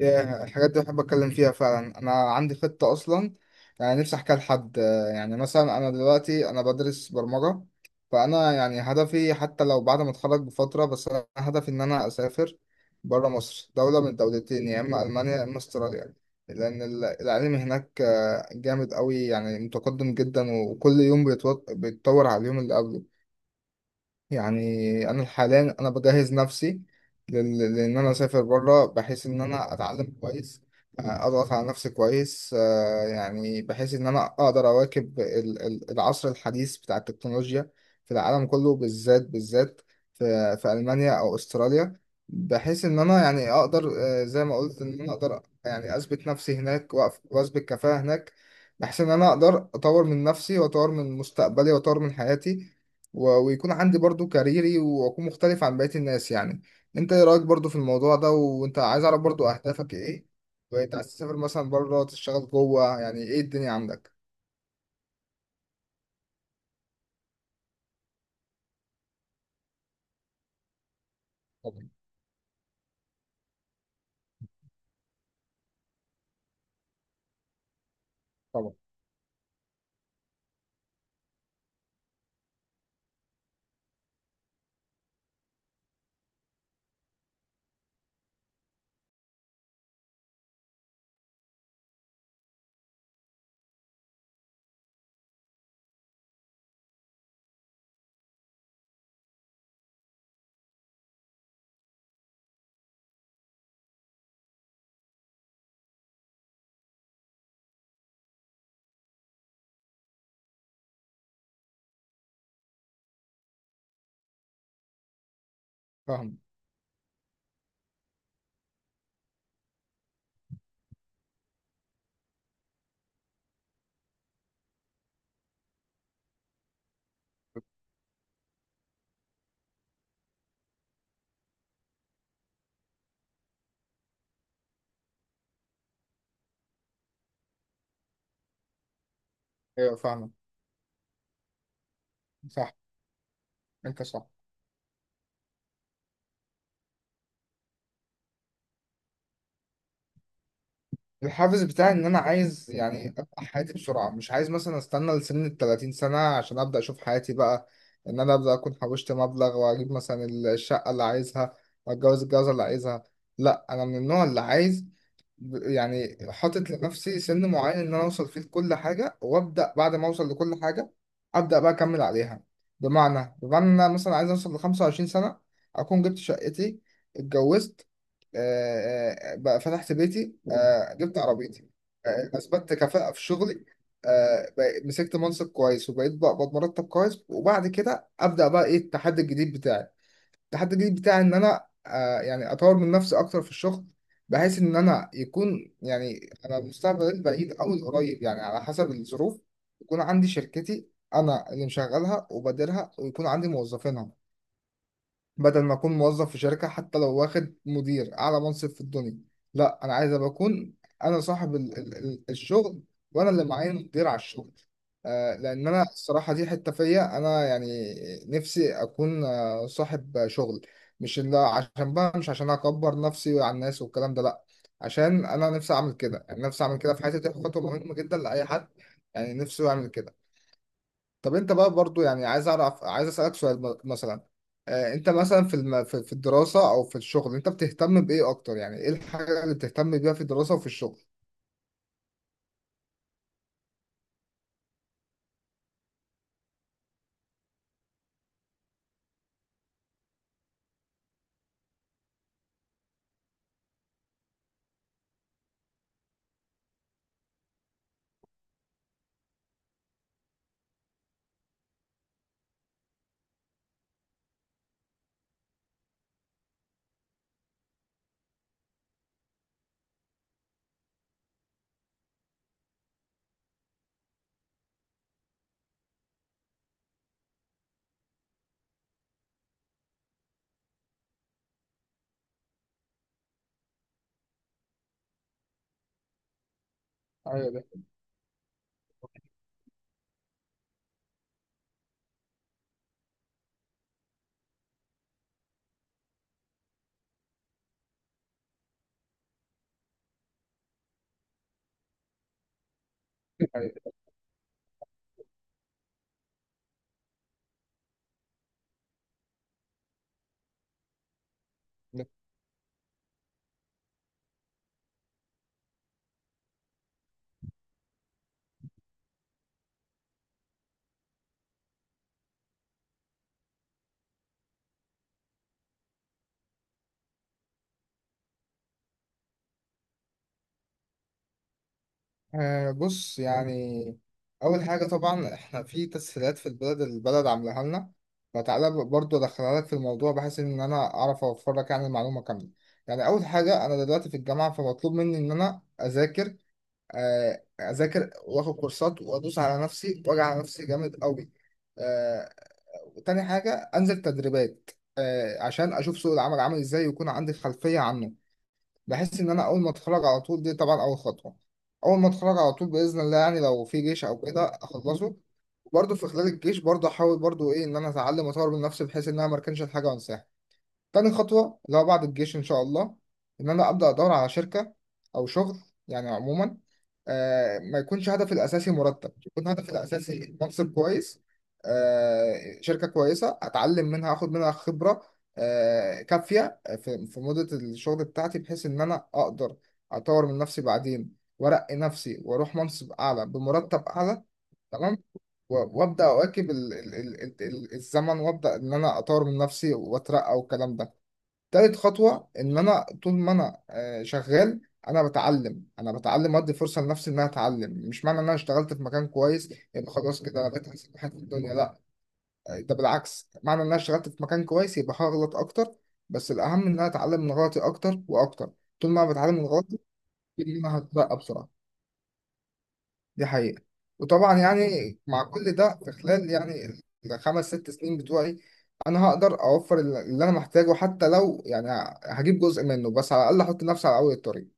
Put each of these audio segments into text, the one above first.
ياه، الحاجات دي بحب اتكلم فيها فعلا. انا عندي خطة اصلا، يعني نفسي احكيها لحد. يعني مثلا انا دلوقتي بدرس برمجة. فانا يعني هدفي حتى لو بعد ما اتخرج بفترة، بس انا هدفي ان انا اسافر بره مصر، دولة من الدولتين يا اما المانيا يا اما استراليا. لان العلم هناك جامد قوي، يعني متقدم جدا وكل يوم بيتطور على اليوم اللي قبله. يعني انا حاليا بجهز نفسي لان انا اسافر بره، بحيث ان انا اتعلم كويس، اضغط على نفسي كويس، يعني بحيث ان انا اقدر اواكب العصر الحديث بتاع التكنولوجيا في العالم كله، بالذات بالذات في المانيا او استراليا، بحيث ان انا يعني اقدر، زي ما قلت، ان انا اقدر يعني اثبت نفسي هناك واثبت كفاءة هناك، بحيث ان انا اقدر اطور من نفسي واطور من مستقبلي واطور من حياتي، ويكون عندي برضو كاريري واكون مختلف عن بقية الناس يعني. انت ايه رأيك برضو في الموضوع ده؟ وانت عايز اعرف برضو اهدافك ايه، وانت عايز تسافر مثلا بره، تشتغل جوه، يعني ايه الدنيا عندك؟ طبعا. طبعا. فاهم. ايوه فاهمك. صح. انت صح. الحافز بتاعي ان انا عايز يعني ابقى حياتي بسرعة، مش عايز مثلا استنى لسن ال 30 سنة عشان ابدا اشوف حياتي بقى، ان انا ابدا اكون حوشت مبلغ واجيب مثلا الشقة اللي عايزها واتجوز الجوازة اللي عايزها. لا انا من النوع اللي عايز، يعني حاطط لنفسي سن معين ان انا اوصل فيه لكل حاجه، وابدا بعد ما اوصل لكل حاجه ابدا بقى اكمل عليها. بمعنى إن انا مثلا عايز اوصل ل 25 سنه اكون جبت شقتي، اتجوزت، بقى فتحت بيتي، جبت عربيتي، اثبتت كفاءه في شغلي، مسكت منصب كويس وبقيت بقبض مرتب كويس، وبعد كده ابدا بقى ايه التحدي الجديد بتاعي. التحدي الجديد بتاعي ان انا يعني اطور من نفسي اكتر في الشغل، بحيث ان انا يكون يعني انا المستقبل البعيد او القريب يعني على حسب الظروف يكون عندي شركتي انا اللي مشغلها وبديرها، ويكون عندي موظفينها، بدل ما اكون موظف في شركة حتى لو واخد مدير اعلى منصب في الدنيا. لا انا عايز ابقى اكون انا صاحب ال ال ال الشغل، وانا اللي معايا مدير على الشغل. آه، لان انا الصراحة دي حتة فيا انا، يعني نفسي اكون آه صاحب شغل. مش اللي عشان بقى، مش عشان اكبر نفسي على الناس والكلام ده، لا، عشان انا نفسي اعمل كده. يعني نفسي اعمل كده في حياتي، دي خطوة مهمة جدا لاي حد يعني نفسه يعمل كده. طب انت بقى برضو يعني عايز اعرف، عايز اسالك سؤال مثلا، انت مثلا في الدراسه او في الشغل انت بتهتم بايه اكتر؟ يعني ايه الحاجه اللي بتهتم بيها في الدراسه وفي الشغل؟ ايوه ده. أيوة. ده. آه بص، يعني أول حاجة طبعا إحنا في تسهيلات في البلد، البلد عاملاها لنا، فتعالى برضو أدخلها لك في الموضوع بحيث إن أنا أعرف أوفر لك يعني المعلومة كاملة. يعني أول حاجة، أنا دلوقتي في الجامعة، فمطلوب مني إن أنا أذاكر، اذاكر واخد كورسات وادوس على نفسي واجي على نفسي جامد قوي. آه، وتاني حاجه انزل تدريبات، عشان اشوف سوق العمل عامل ازاي ويكون عندي خلفيه عنه. بحس ان انا اول ما اتخرج على طول، دي طبعا اول خطوه. اول ما اتخرج على طول باذن الله، يعني لو في جيش او كده اخلصه، برضه في خلال الجيش برضه احاول برضه ايه، ان انا اتعلم واطور من نفسي بحيث ان انا ما اركنش الحاجه وانساها. تاني خطوة اللي هو بعد الجيش إن شاء الله، إن أنا أبدأ أدور على شركة أو شغل، يعني عموما ما يكونش هدفي الأساسي مرتب، يكون هدفي الأساسي منصب كويس، شركة كويسة أتعلم منها، أخد منها خبرة كافية في, في مدة الشغل بتاعتي، بحيث إن أنا أقدر أطور من نفسي بعدين وأرقي نفسي وأروح منصب أعلى بمرتب أعلى. تمام. وابدا اواكب الزمن وابدا ان انا اطور من نفسي واترقى والكلام ده. تالت خطوة إن أنا طول ما أنا شغال، أنا بتعلم وأدي فرصة لنفسي إن أنا أتعلم. مش معنى إن أنا اشتغلت في مكان كويس يبقى خلاص كده أنا بقيت أحسن واحد في الدنيا، لأ. ده بالعكس، معنى إن أنا اشتغلت في مكان كويس يبقى هغلط أكتر، بس الأهم إن أنا أتعلم من غلطي أكتر وأكتر. طول ما أنا بتعلم من غلطي، طول ما أنا هتبقى بسرعة. دي حقيقة. وطبعا يعني مع كل ده، في خلال يعني الخمس ست سنين بتوعي، انا هقدر اوفر اللي انا محتاجه، حتى لو يعني هجيب جزء منه، بس على الاقل احط نفسي على اول الطريق.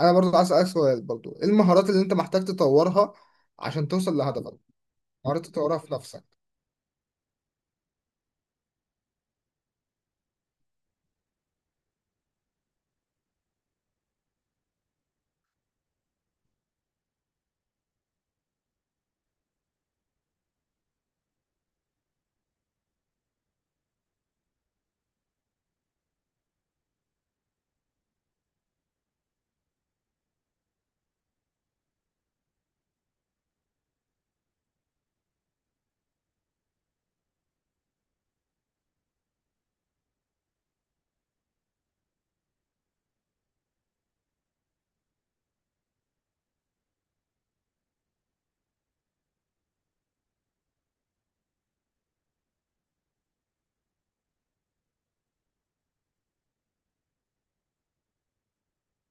انا برضو عايز اسالك سؤال برضو، ايه المهارات اللي انت محتاج تطورها عشان توصل لهدفك؟ مهارات تطورها في نفسك.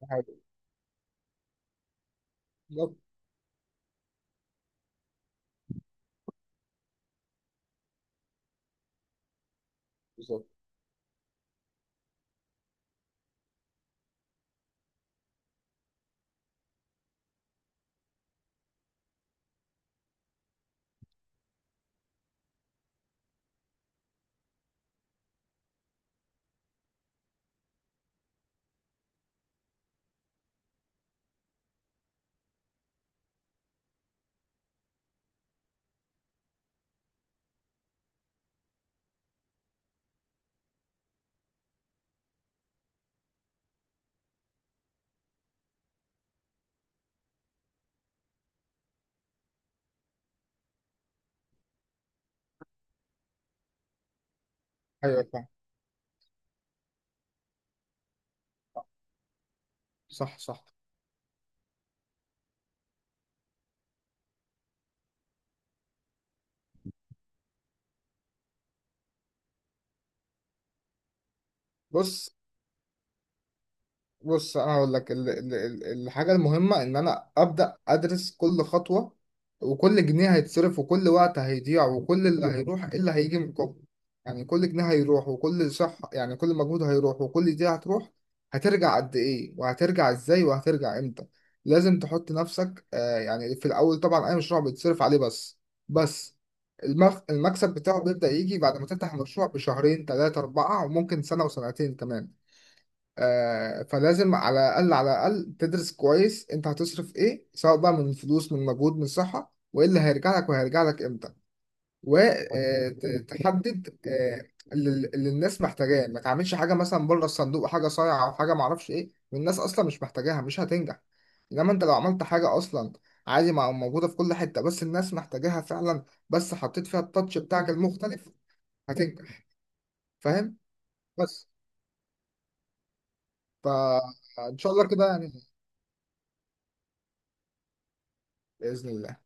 دي حقيقة. بالظبط. بالظبط. ايوه فاهم. صح. صح. بص. بص انا هقول لك الحاجه المهمه، ان انا ابدا ادرس كل خطوه وكل جنيه هيتصرف وكل وقت هيضيع وكل اللي هيروح، إيه اللي هيجي مقابله. يعني كل جنيه هيروح وكل صح، يعني كل مجهود هيروح وكل دي هتروح، هترجع قد ايه وهترجع ازاي وهترجع امتى. لازم تحط نفسك يعني في الاول، طبعا اي مشروع بيتصرف عليه، بس بس المكسب بتاعه بيبدأ يجي بعد ما تفتح المشروع بشهرين ثلاثة أربعة وممكن سنة وسنتين كمان. فلازم على الأقل على الأقل تدرس كويس أنت هتصرف إيه، سواء بقى من فلوس من مجهود من صحة، وإيه اللي هيرجع لك وهيرجع لك إمتى، وتحدد اللي الناس محتاجاه. ما تعملش حاجة مثلا بره الصندوق، حاجة صايعة أو حاجة معرفش إيه والناس أصلا مش محتاجاها، مش هتنجح. إنما أنت لو عملت حاجة أصلا عادي، ما موجودة في كل حتة، بس الناس محتاجاها فعلا، بس حطيت فيها التاتش بتاعك المختلف، هتنجح. فاهم. بس. فإن شاء الله كده يعني. بإذن الله.